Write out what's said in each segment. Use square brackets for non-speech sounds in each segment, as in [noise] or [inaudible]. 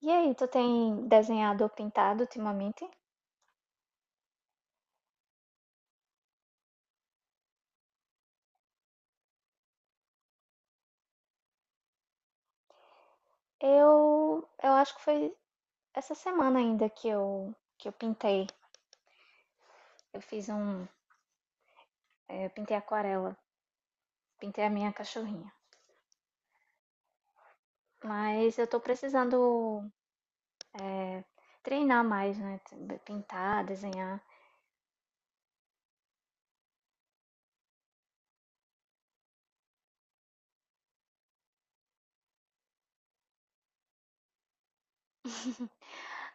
E aí, tu tem desenhado ou pintado ultimamente? Eu acho que foi essa semana ainda que eu pintei. Eu fiz um, eh, Eu pintei aquarela, pintei a minha cachorrinha. Mas eu tô precisando treinar mais, né? Pintar, desenhar.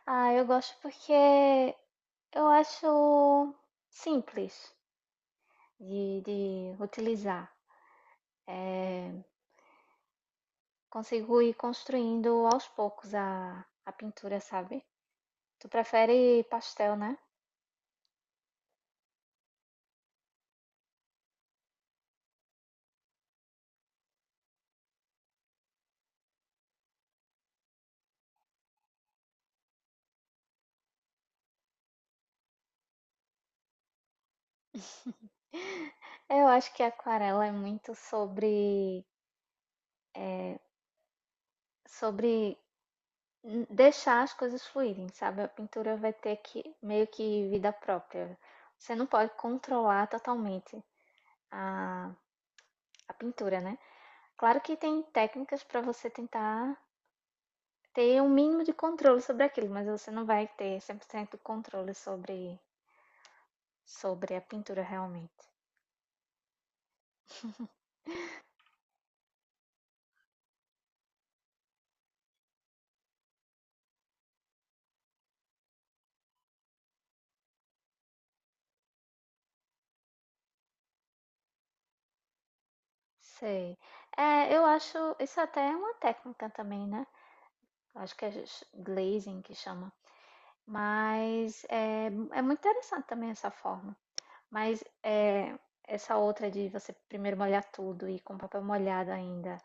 Ah, eu gosto porque eu acho simples de utilizar. Eh, consigo ir construindo aos poucos a pintura, sabe? Tu prefere pastel, né? Eu acho que a aquarela é muito eh, sobre deixar as coisas fluírem, sabe? A pintura vai ter que meio que vida própria. Você não pode controlar totalmente a, a pintura, né? Claro que tem técnicas para você tentar ter um mínimo de controle sobre aquilo, mas você não vai ter 100% controle sobre a pintura realmente. Sei. É, eu acho isso até é uma técnica também, né? Acho que é glazing que chama. Mas é, é muito interessante também essa forma. Mas é, essa outra de você primeiro molhar tudo e com papel molhado ainda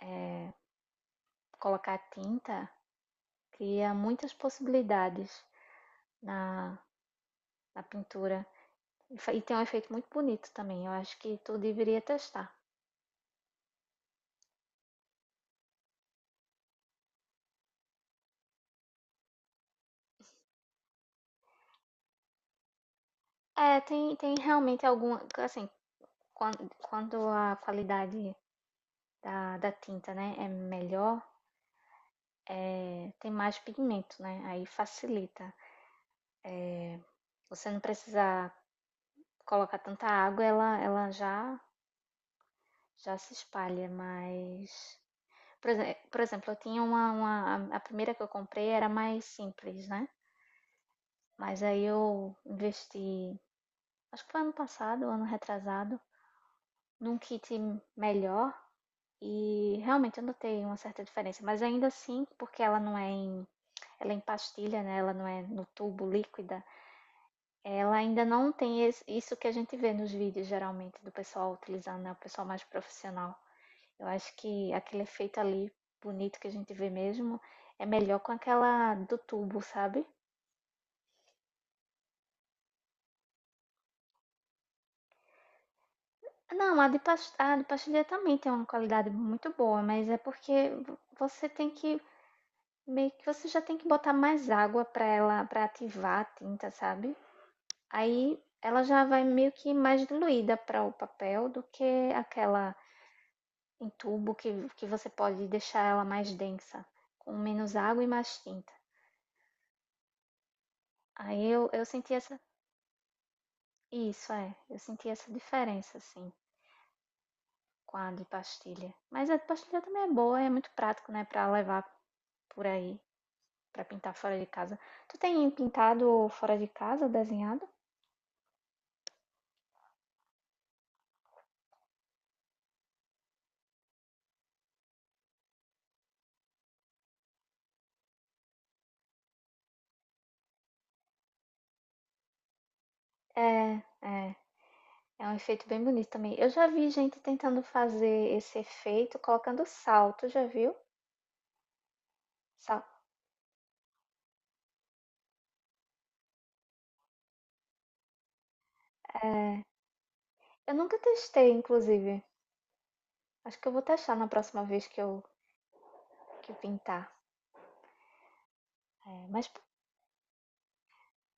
é, colocar tinta cria muitas possibilidades na, na pintura. E tem um efeito muito bonito também. Eu acho que tu deveria testar. É, tem realmente alguma. Assim, quando a qualidade da tinta, né, é melhor, tem mais pigmento, né? Aí facilita. Você não precisa colocar tanta água, já se espalha, mas. Por exemplo, eu tinha uma, uma. A primeira que eu comprei era mais simples, né? Mas aí eu investi, acho que foi ano passado, ano retrasado, num kit melhor. E realmente eu notei uma certa diferença, mas ainda assim, porque ela não é em, ela é em pastilha, né? Ela não é no tubo líquida, ela ainda não tem isso que a gente vê nos vídeos, geralmente, do pessoal utilizando, né? O pessoal mais profissional. Eu acho que aquele efeito ali, bonito, que a gente vê mesmo, é melhor com aquela do tubo, sabe? Não, a de pastilha também tem uma qualidade muito boa, mas é porque você tem que, meio que você já tem que botar mais água pra ela, para ativar a tinta, sabe? Aí ela já vai meio que mais diluída para o papel do que aquela em tubo que você pode deixar ela mais densa, com menos água e mais tinta. Aí eu senti essa. Isso, é. Eu senti essa diferença, assim, com a de pastilha. Mas a de pastilha também é boa, é muito prático, né, pra levar por aí, pra pintar fora de casa. Tu tem pintado fora de casa, desenhado? É, é. É um efeito bem bonito também. Eu já vi gente tentando fazer esse efeito colocando sal. Tu já viu? Sal. Eu nunca testei, inclusive. Acho que eu vou testar na próxima vez que pintar. É, mas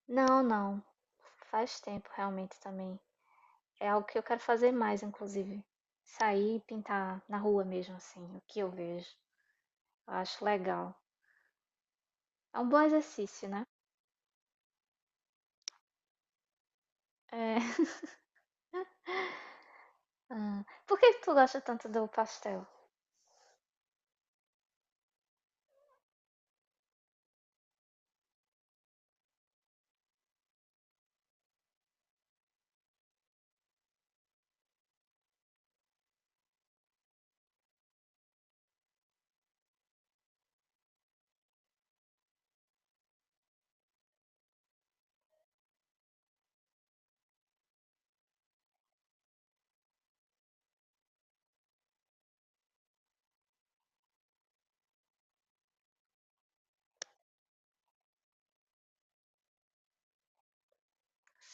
não, não. Faz tempo realmente também. É algo que eu quero fazer mais, inclusive. Sair e pintar na rua mesmo, assim, o que eu vejo. Eu acho legal. É um bom exercício, né? É. [laughs] Ah, por que que tu gosta tanto do pastel?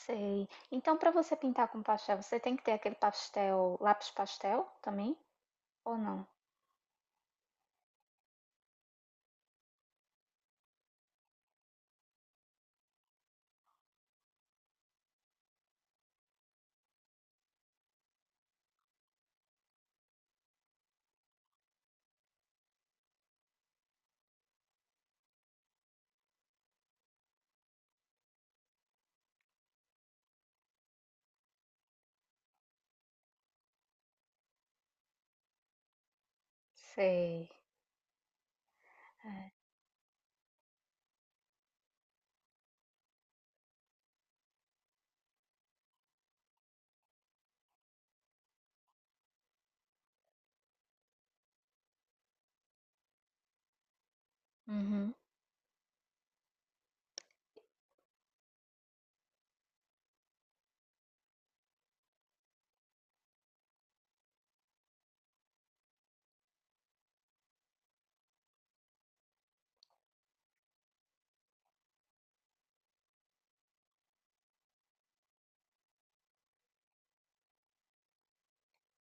Sei. Então, para você pintar com pastel, você tem que ter aquele pastel, lápis pastel também? Ou não? Sei. É. Uhum.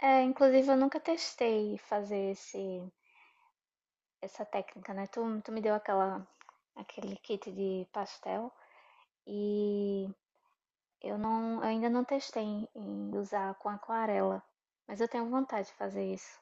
É, inclusive, eu nunca testei fazer essa técnica, né? Tu me deu aquela aquele kit de pastel e eu não, eu ainda não testei em usar com aquarela, mas eu tenho vontade de fazer isso.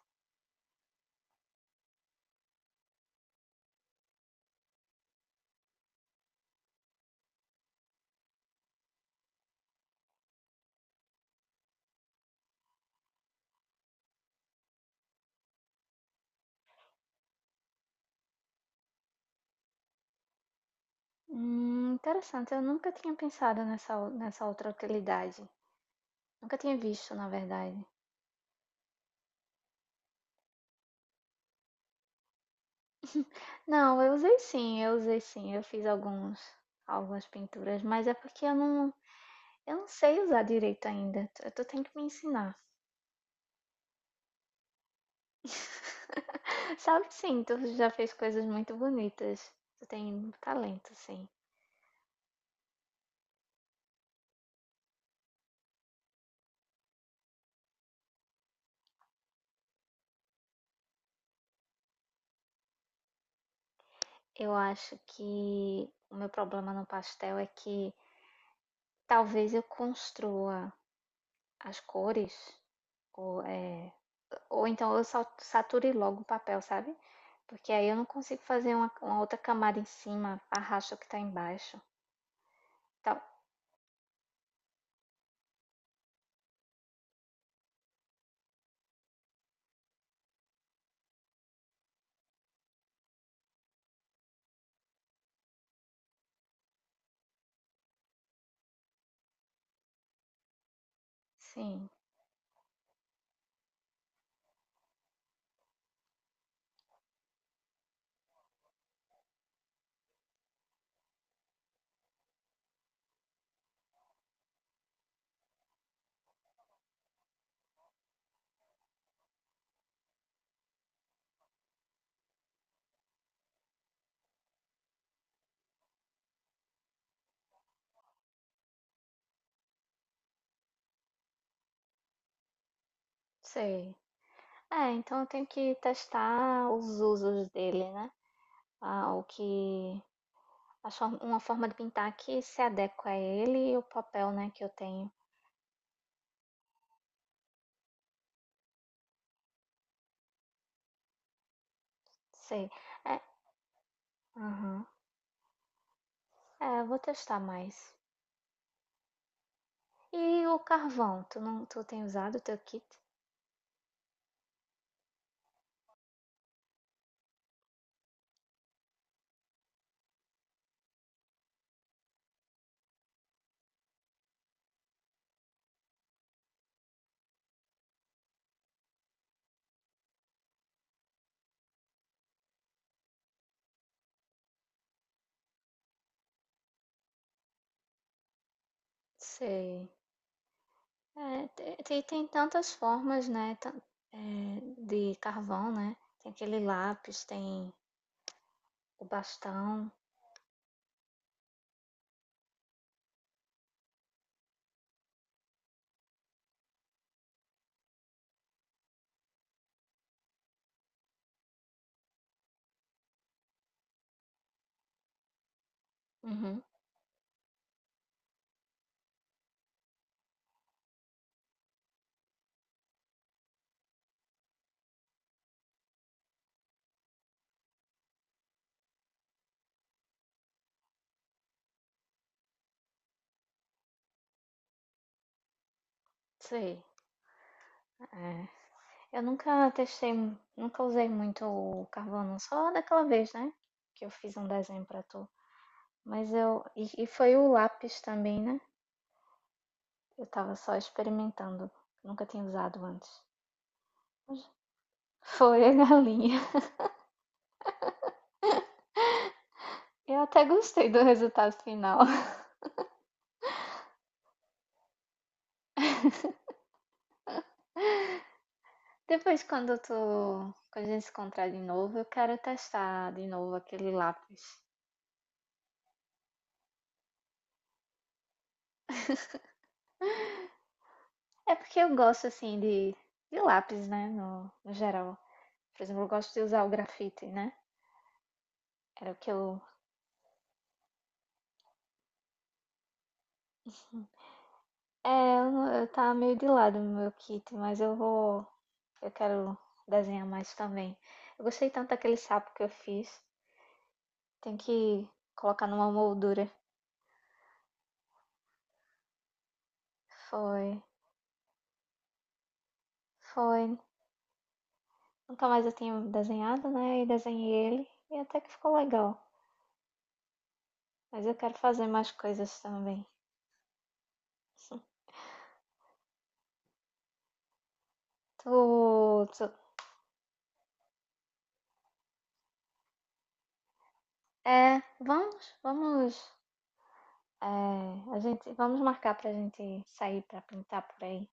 Interessante, eu nunca tinha pensado nessa outra utilidade. Nunca tinha visto, na verdade. Não, eu usei sim, eu usei sim, eu fiz algumas pinturas, mas é porque eu não sei usar direito ainda. Tu tem que me ensinar. [laughs] Sabe sim, tu já fez coisas muito bonitas. Tu tem talento, sim. Eu acho que o meu problema no pastel é que talvez eu construa as cores, ou, é, ou então eu sature logo o papel, sabe? Porque aí eu não consigo fazer uma outra camada em cima, arrasto o que tá embaixo. Tal. Sim, sei. É, então eu tenho que testar os usos dele, né? Ah, o que. A for- Uma forma de pintar que se adequa a ele e o papel, né, que eu tenho. Sei. É, aham. É, vou testar mais. E o carvão? Tu não, Tu tem usado o teu kit? Sei. É, tem, tem tantas formas, né? De carvão, né? Tem aquele lápis, tem o bastão. Uhum, sei. É. Eu nunca testei, nunca usei muito o carvão, não. Só daquela vez, né? Que eu fiz um desenho pra tu. Mas eu. E foi o lápis também, né? Eu tava só experimentando. Nunca tinha usado antes. [laughs] Foi a galinha. Eu até gostei do resultado final. [laughs] Depois, quando a gente se encontrar de novo, eu quero testar de novo aquele lápis. É porque eu gosto assim de lápis, né? No geral. Por exemplo, eu gosto de usar o grafite, né? Era o que eu. É, eu, eu tava meio de lado no meu kit, mas eu vou. Eu quero desenhar mais também. Eu gostei tanto daquele sapo que eu fiz. Tem que colocar numa moldura. Foi. Foi. Nunca mais eu tinha desenhado, né? E desenhei ele e até que ficou legal. Mas eu quero fazer mais coisas também. Tu, tu- Vamos, é, vamos marcar pra gente sair pra pintar por aí.